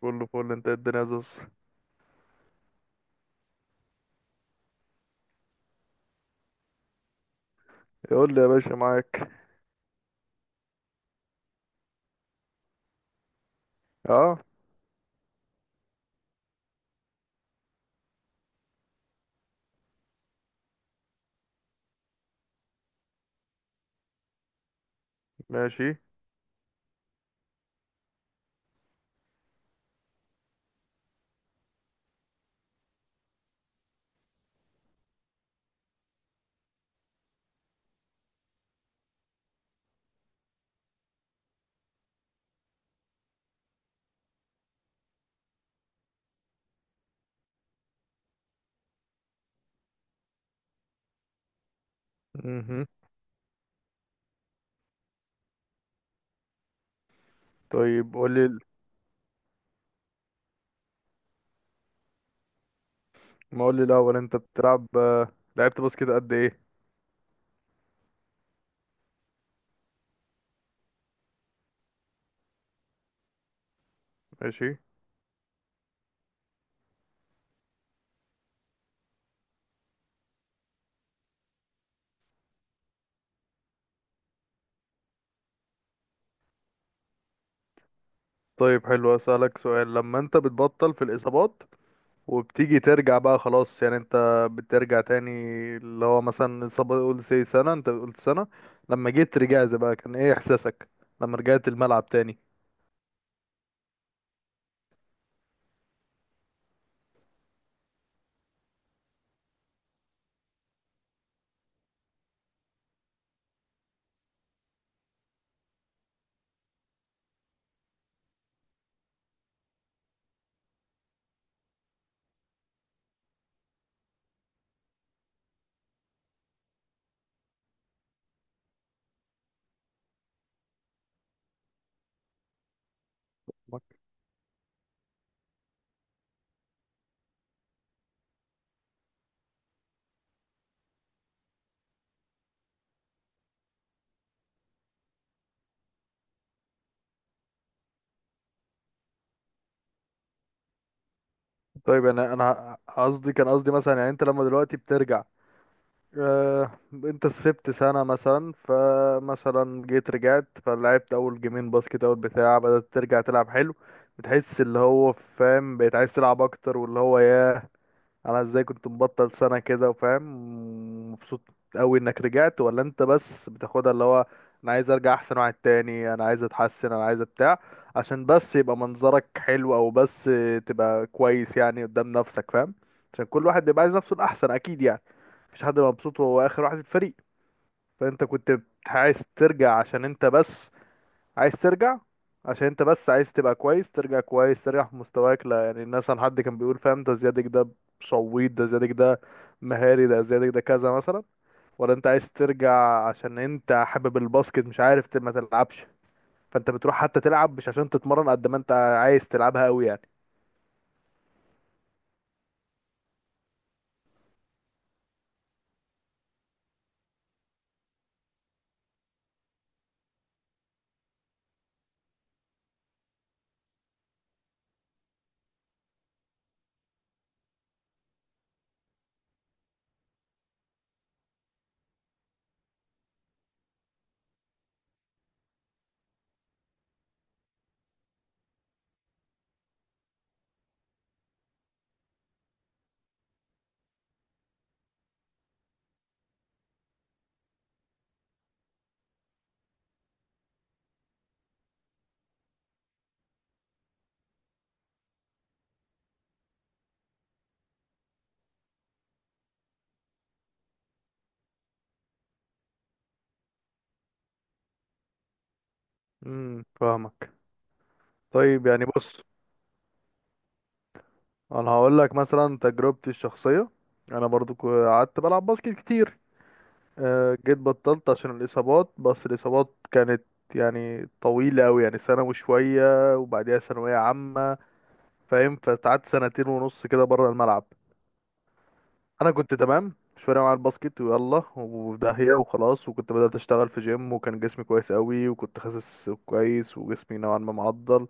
كله فل، انت الدنيا زوز. يقول لي يا باشا معاك. اه، ماشي. مهم. طيب قول لي. ما قول لي الاول، انت بتلعب لعبت باسكت قد ايه؟ ماشي. طيب حلو، اسالك سؤال: لما انت بتبطل في الاصابات وبتيجي ترجع بقى خلاص، يعني انت بترجع تاني، اللي هو مثلا اصابه قول سي سنه، انت قلت سنه، لما جيت رجعت بقى كان ايه احساسك لما رجعت الملعب تاني؟ طيب انا قصدي، كان قصدي مثلا، يعني انت لما دلوقتي بترجع، انت سبت سنة مثلا، فمثلا جيت رجعت فلعبت اول جيمين باسكت اول بتاع، بدأت ترجع تلعب حلو، بتحس اللي هو فاهم بقيت عايز تلعب اكتر، واللي هو ياه انا ازاي كنت مبطل سنة كده وفاهم، مبسوط قوي انك رجعت؟ ولا انت بس بتاخدها اللي هو انا عايز ارجع احسن واحد تاني، انا عايز اتحسن، انا عايز بتاع، عشان بس يبقى منظرك حلو، او بس تبقى كويس يعني قدام نفسك فاهم؟ عشان كل واحد بيبقى عايز نفسه الاحسن اكيد يعني، مفيش حد مبسوط وهو اخر واحد في الفريق. فانت كنت عايز ترجع عشان انت بس عايز ترجع عشان انت بس عايز تبقى كويس، ترجع كويس، ترجع في مستواك، لا يعني الناس عن حد كان بيقول فاهم ده زيادك، ده شويط، ده زيادك، ده مهاري، ده زيادك، ده كذا مثلا؟ ولا انت عايز ترجع عشان انت حابب الباسكت مش عارف ما تلعبش، فانت بتروح حتى تلعب مش عشان تتمرن، قد ما انت عايز تلعبها قوي يعني؟ فاهمك. طيب يعني بص، انا هقول لك مثلا تجربتي الشخصيه. انا برضو قعدت بلعب باسكت كتير، جيت بطلت عشان الاصابات، بس الاصابات كانت يعني طويله قوي، يعني سنه وشويه وبعديها ثانويه عامه، فاهم؟ فقعدت سنتين ونص كده بره الملعب. انا كنت تمام، مش فارق معايا الباسكت، ويلا وداهيه وخلاص، وكنت بدات اشتغل في جيم، وكان جسمي كويس قوي، وكنت خاسس كويس وجسمي نوعا ما معضل،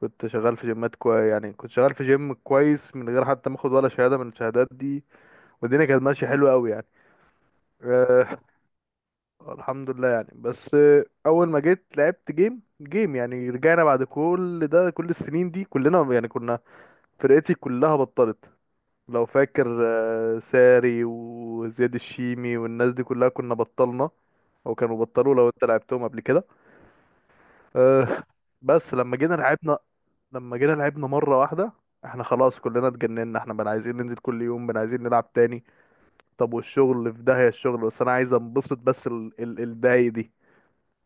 كنت شغال في جيمات كويس، يعني كنت شغال في جيم كويس من غير حتى ما اخد ولا شهادة من الشهادات دي، والدنيا كانت ماشيه حلوه قوي يعني. أه، الحمد لله يعني. بس اول ما جيت لعبت جيم، يعني رجعنا بعد كل ده، كل السنين دي كلنا يعني، كنا فرقتي كلها بطلت، لو فاكر، ساري وزياد الشيمي والناس دي كلها، كنا بطلنا او كانوا بطلوا لو انت لعبتهم قبل كده. أه. بس لما جينا لعبنا، لما جينا لعبنا مره واحده، احنا خلاص كلنا اتجننا، احنا بقى عايزين ننزل كل يوم، بقى عايزين نلعب تاني. طب والشغل في داهية الشغل، بس انا عايز انبسط، بس ال الداي دي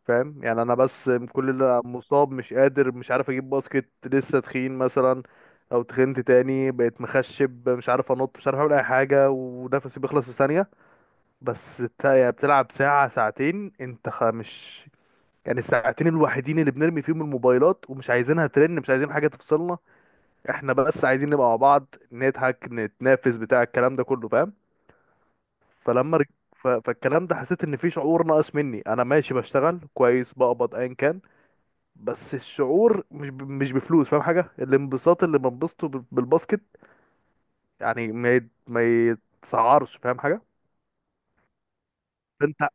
فاهم؟ يعني انا بس كل اللي مصاب، مش قادر، مش عارف اجيب باسكت، لسه تخين مثلا او تخنت تاني، بقيت مخشب، مش عارف انط، مش عارف اعمل اي حاجة، ونفسي بيخلص في ثانية. بس انت يعني بتلعب ساعة ساعتين، انت مش يعني الساعتين الوحيدين اللي بنرمي فيهم الموبايلات، ومش عايزينها ترن، مش عايزين حاجة تفصلنا، احنا بس عايزين نبقى مع بعض، نضحك، نتنافس، بتاع الكلام ده كله فاهم؟ فلما رج... فالكلام ده حسيت ان في شعور ناقص مني، انا ماشي بشتغل كويس، بقبض ايا كان، بس الشعور مش بفلوس، فاهم حاجه؟ الانبساط اللي بنبسطه بالباسكت يعني ما يتسعرش، فاهم حاجه؟ فانت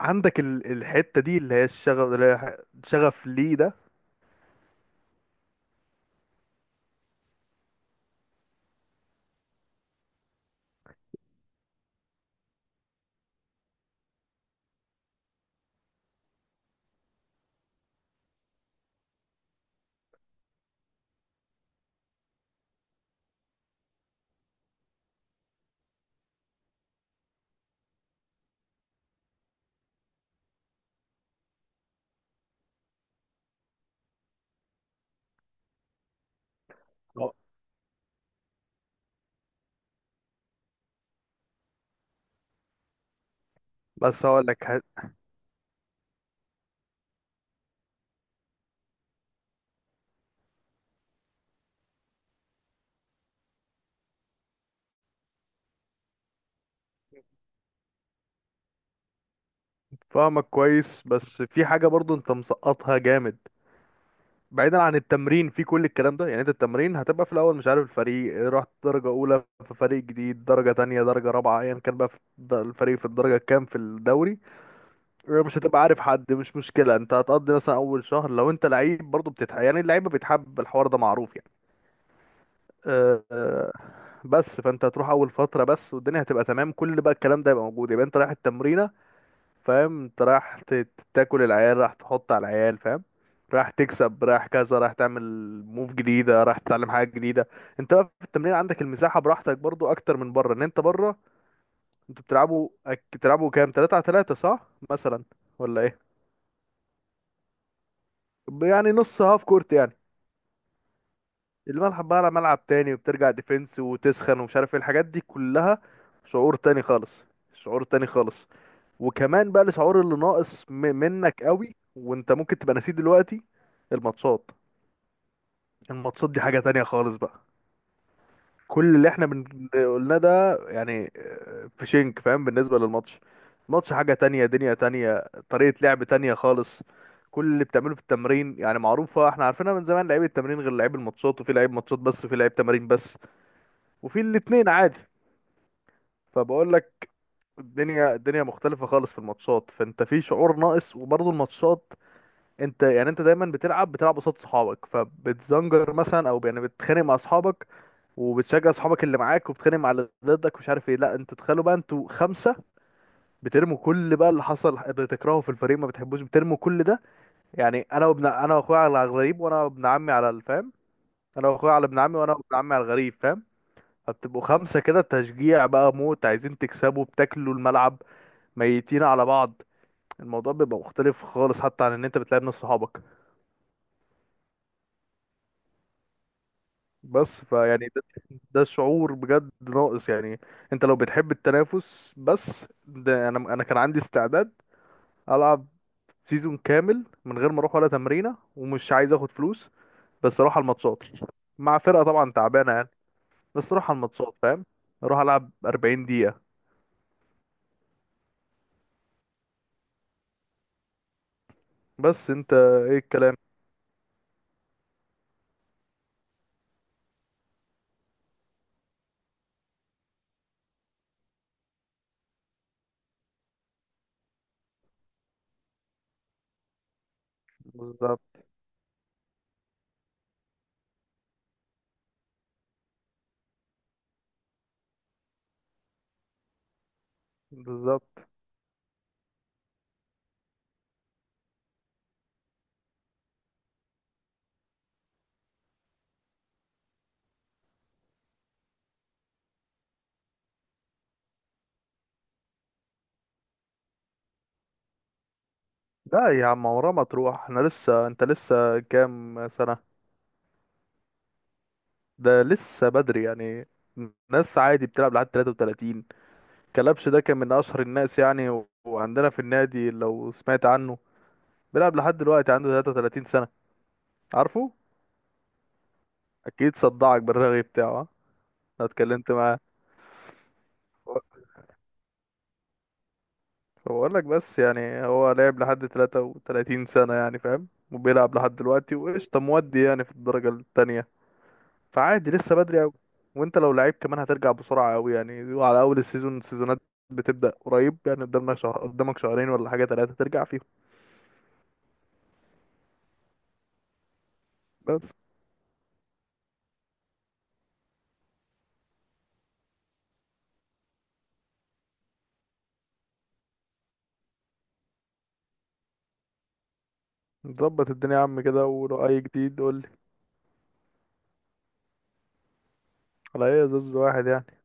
عندك الحته دي اللي هي الشغف، اللي هي شغف ليه ده؟ أه. بس هقول لك فاهمك كويس، بس في حاجه برضو انت مسقطها جامد. بعيدا عن التمرين في كل الكلام ده، يعني انت التمرين هتبقى في الاول مش عارف الفريق، رحت درجة اولى في فريق جديد، درجة تانية، درجة رابعة، ايا كان بقى في الفريق في الدرجة كام في الدوري، مش هتبقى عارف حد، مش مشكلة، انت هتقضي مثلا اول شهر لو انت لعيب برضه بتتح، يعني اللعيبة بيتحب، الحوار ده معروف يعني. أه، بس فانت هتروح اول فترة بس، والدنيا هتبقى تمام، كل بقى الكلام ده يبقى موجود، يبقى انت رايح التمرين فاهم، انت رايح تاكل العيال، راح تحط على العيال فاهم، راح تكسب، راح كذا، راح تعمل موف جديدة، راح تتعلم حاجة جديدة. انت بقى في التمرين عندك المساحة براحتك برضو اكتر من بره، ان انت بره انتوا بتلعبوا بتلعبوا كام، 3 على 3 صح مثلا ولا ايه؟ يعني نص هاف كورت يعني، الملعب بقى على ملعب تاني، وبترجع ديفنس وتسخن، ومش عارف ايه الحاجات دي كلها، شعور تاني خالص، شعور تاني خالص. وكمان بقى الشعور اللي ناقص منك قوي، وانت ممكن تبقى نسيت دلوقتي الماتشات. الماتشات دي حاجة تانية خالص بقى، كل اللي احنا قلناه ده، يعني في شنك فاهم بالنسبة للماتش، الماتش حاجة تانية، دنيا تانية، طريقة لعب تانية خالص، كل اللي بتعمله في التمرين، يعني معروفة، احنا عارفينها من زمان، لعيب التمرين غير لعيب الماتشات، وفي لعيب ماتشات بس، وفي لعيب تمارين بس، وفي الاتنين عادي. فبقول لك الدنيا، الدنيا مختلفة خالص في الماتشات، فانت في شعور ناقص، وبرضه الماتشات انت يعني انت دايما بتلعب، بتلعب قصاد صحابك، فبتزنجر مثلا او يعني بتتخانق مع صحابك وبتشجع صحابك اللي معاك، وبتتخانق مع اللي ضدك، ومش عارف ايه. لا، انتوا تخيلوا بقى، انتوا خمسة، بترموا كل بقى اللي حصل اللي تكرهه في الفريق، ما بتحبوش، بترموا كل ده، يعني انا واخويا على الغريب، وانا وابن عمي على الفام، انا واخويا على ابن عمي، وانا وابن عمي على الغريب فاهم؟ فبتبقوا خمسة كده تشجيع بقى موت، عايزين تكسبوا، بتاكلوا الملعب، ميتين على بعض، الموضوع بيبقى مختلف خالص حتى عن ان انت بتلعب ناس صحابك. بس فيعني ده، ده شعور بجد ناقص يعني. انت لو بتحب التنافس، بس ده انا كان عندي استعداد العب سيزون كامل من غير ما اروح ولا تمرينه، ومش عايز اخد فلوس، بس اروح على الماتشات مع فرقه طبعا تعبانه يعني، بس اروح على الماتشات فاهم، اروح العب 40 دقيقه. بس انت ايه الكلام؟ بالظبط. بالظبط. لا يا عم، عمرها ما تروح، احنا لسه، انت لسه كام سنه؟ ده لسه بدري يعني، ناس عادي بتلعب لحد 33. كلبش ده كان من اشهر الناس يعني، وعندنا في النادي لو سمعت عنه، بيلعب لحد دلوقتي عنده 33 سنة، عارفه؟ اكيد صدعك بالرغي بتاعه، ها؟ انا اتكلمت معاه. بقول لك بس يعني هو لعب لحد 33 سنة، يعني فاهم، وبيلعب لحد دلوقتي وقشطة، مودي يعني في الدرجة التانية، فعادي لسه بدري قوي. وانت لو لعيب كمان هترجع بسرعة قوي يعني، وعلى اول السيزون، السيزونات بتبدأ قريب يعني، قدامنا شهر، قدامك شهرين ولا حاجة، تلاتة ترجع فيهم بس. نظبط الدنيا يا عم كده، ولو اي جديد قول. على ايه؟ زوز واحد يعني.